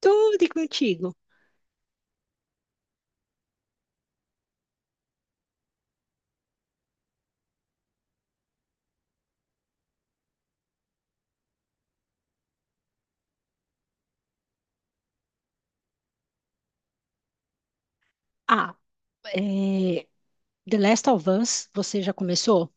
Tudo e contigo. Ah, é, The Last of Us, você já começou?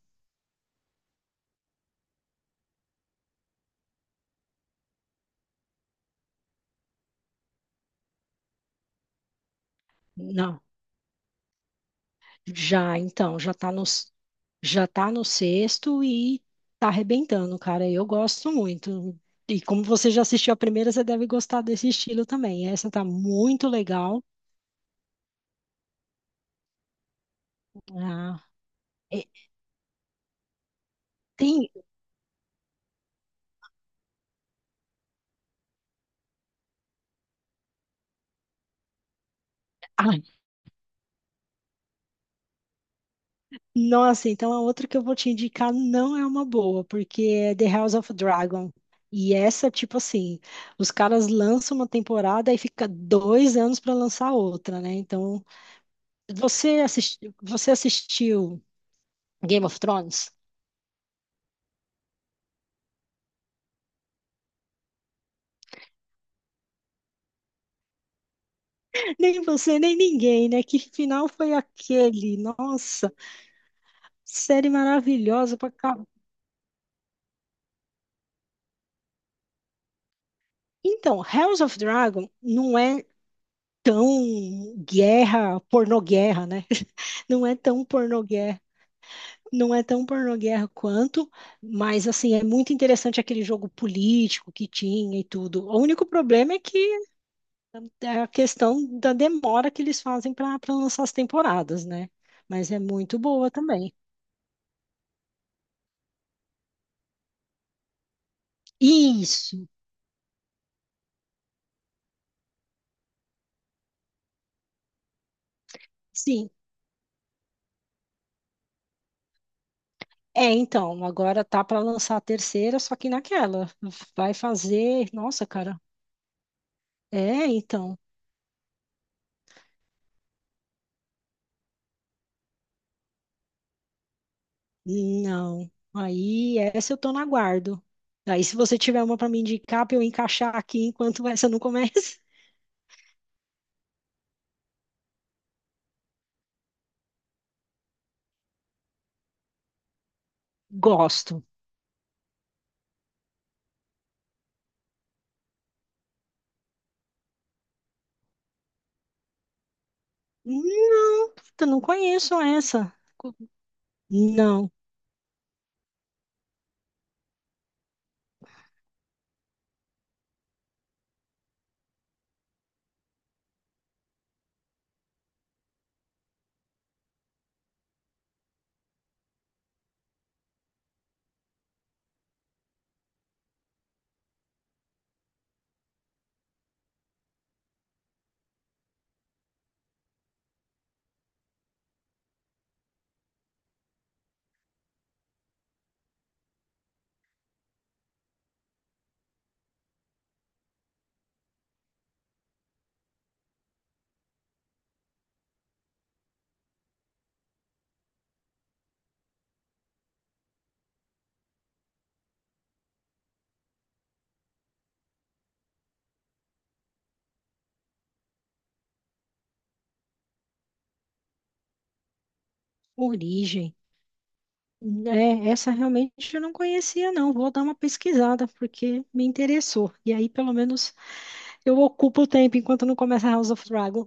Não. Já, então, já tá no sexto e tá arrebentando, cara. Eu gosto muito. E como você já assistiu a primeira, você deve gostar desse estilo também. Essa tá muito legal. Ah, é, tem. Ah, nossa, então a outra que eu vou te indicar não é uma boa, porque é The House of Dragon. E essa, tipo assim, os caras lançam uma temporada e fica 2 anos para lançar outra, né? Então, você assistiu Game of Thrones? Nem você, nem ninguém, né? Que final foi aquele? Nossa, série maravilhosa pra cá. Então, House of Dragon não é tão guerra, pornoguerra, né? Não é tão pornoguerra Não é tão pornoguerra quanto, mas assim, é muito interessante aquele jogo político que tinha e tudo. O único problema é que é a questão da demora que eles fazem para lançar as temporadas, né? Mas é muito boa também. Isso, sim. É, então, agora tá para lançar a terceira, só que naquela. Vai fazer. Nossa, cara. É, então. Não. Aí, essa eu tô no aguardo. Aí, se você tiver uma para me indicar, para eu encaixar aqui enquanto essa não começa. Gosto. Não, eu não conheço essa. Não, origem. É, essa realmente eu não conhecia, não. Vou dar uma pesquisada, porque me interessou. E aí, pelo menos, eu ocupo o tempo enquanto não começa House of Dragon.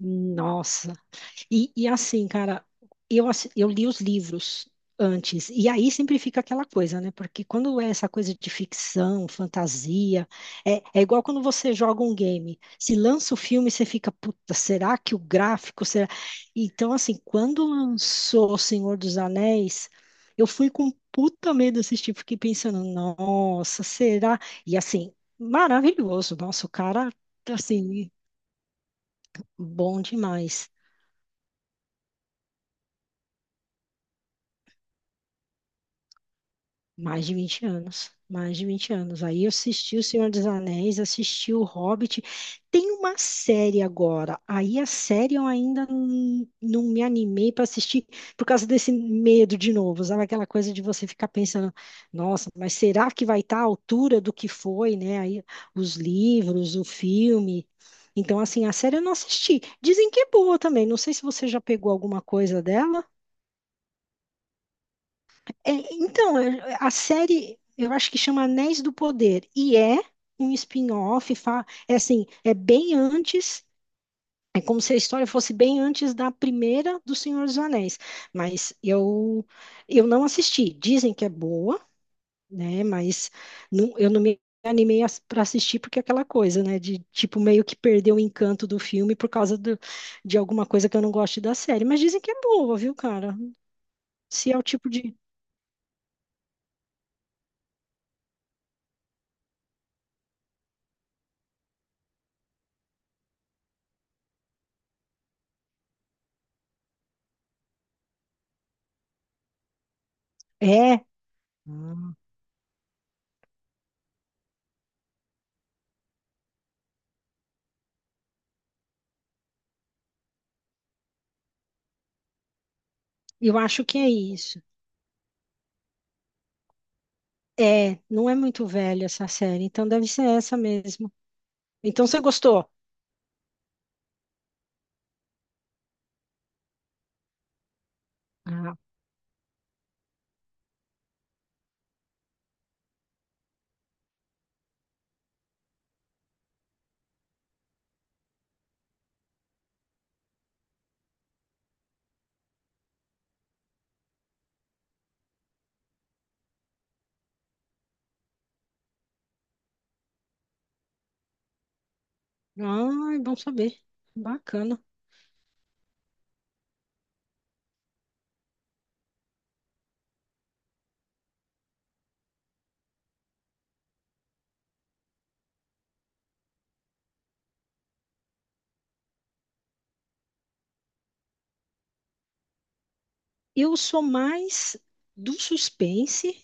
Nossa, e assim, cara, eu li os livros antes, e aí sempre fica aquela coisa, né? Porque quando é essa coisa de ficção, fantasia, é igual quando você joga um game. Se lança o filme, você fica, puta, será que o gráfico será? Então, assim, quando lançou O Senhor dos Anéis, eu fui com puta medo assistir, fiquei pensando, nossa, será? E assim, maravilhoso, nossa, o cara, assim, bom demais. Mais de 20 anos, mais de 20 anos. Aí eu assisti O Senhor dos Anéis, assisti O Hobbit. Tem uma série agora. Aí a série eu ainda não me animei para assistir por causa desse medo de novo, sabe? Aquela coisa de você ficar pensando, nossa, mas será que vai estar à altura do que foi, né? Aí os livros, o filme. Então, assim, a série eu não assisti. Dizem que é boa também. Não sei se você já pegou alguma coisa dela. É, então, a série, eu acho que chama Anéis do Poder, e é um spin-off, é assim, é bem antes, é como se a história fosse bem antes da primeira do Senhor dos Anéis, mas eu não assisti, dizem que é boa, né, mas eu não me animei para assistir porque é aquela coisa, né, de tipo meio que perder o encanto do filme por causa de alguma coisa que eu não gosto da série, mas dizem que é boa, viu, cara? Se é o tipo de... É, eu acho que é isso. É, não é muito velha essa série, então deve ser essa mesmo. Então você gostou? Ah, ah, é bom saber. Bacana. Eu sou mais do suspense,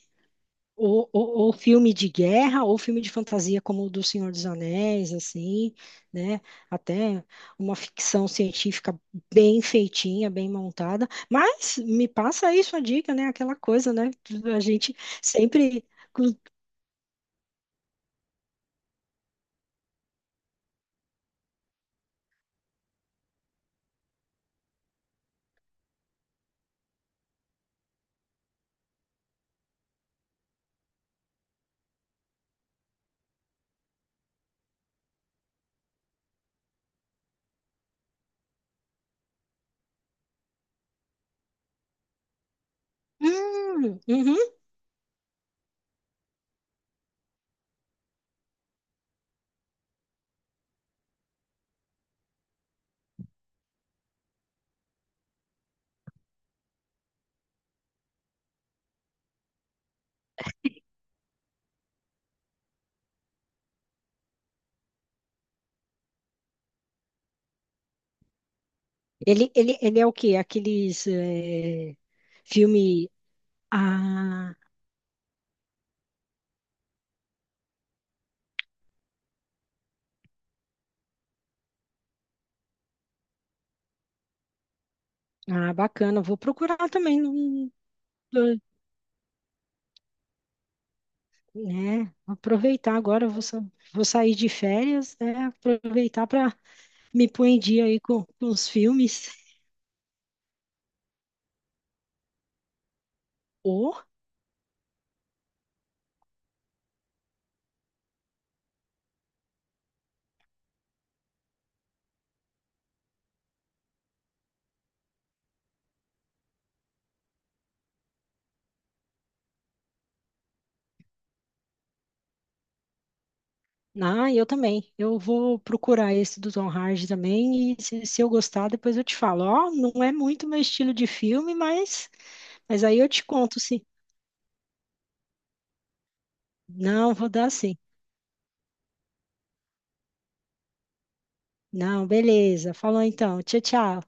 ou filme de guerra, ou filme de fantasia, como o do Senhor dos Anéis, assim, né? Até uma ficção científica bem feitinha, bem montada. Mas me passa aí sua dica, né? Aquela coisa, né? A gente sempre. Uhum. Ele é o quê? Aqueles filme. Ah, ah, bacana. Vou procurar também, não- né? Aproveitar agora. Eu vou sair de férias, né? Aproveitar para me pôr em dia aí com os filmes. Ou, ah, eu também. Eu vou procurar esse do Tom Hardy também. E se eu gostar, depois eu te falo. Ó, não é muito meu estilo de filme, mas aí eu te conto, sim. Não, vou dar sim. Não, beleza. Falou então. Tchau, tchau.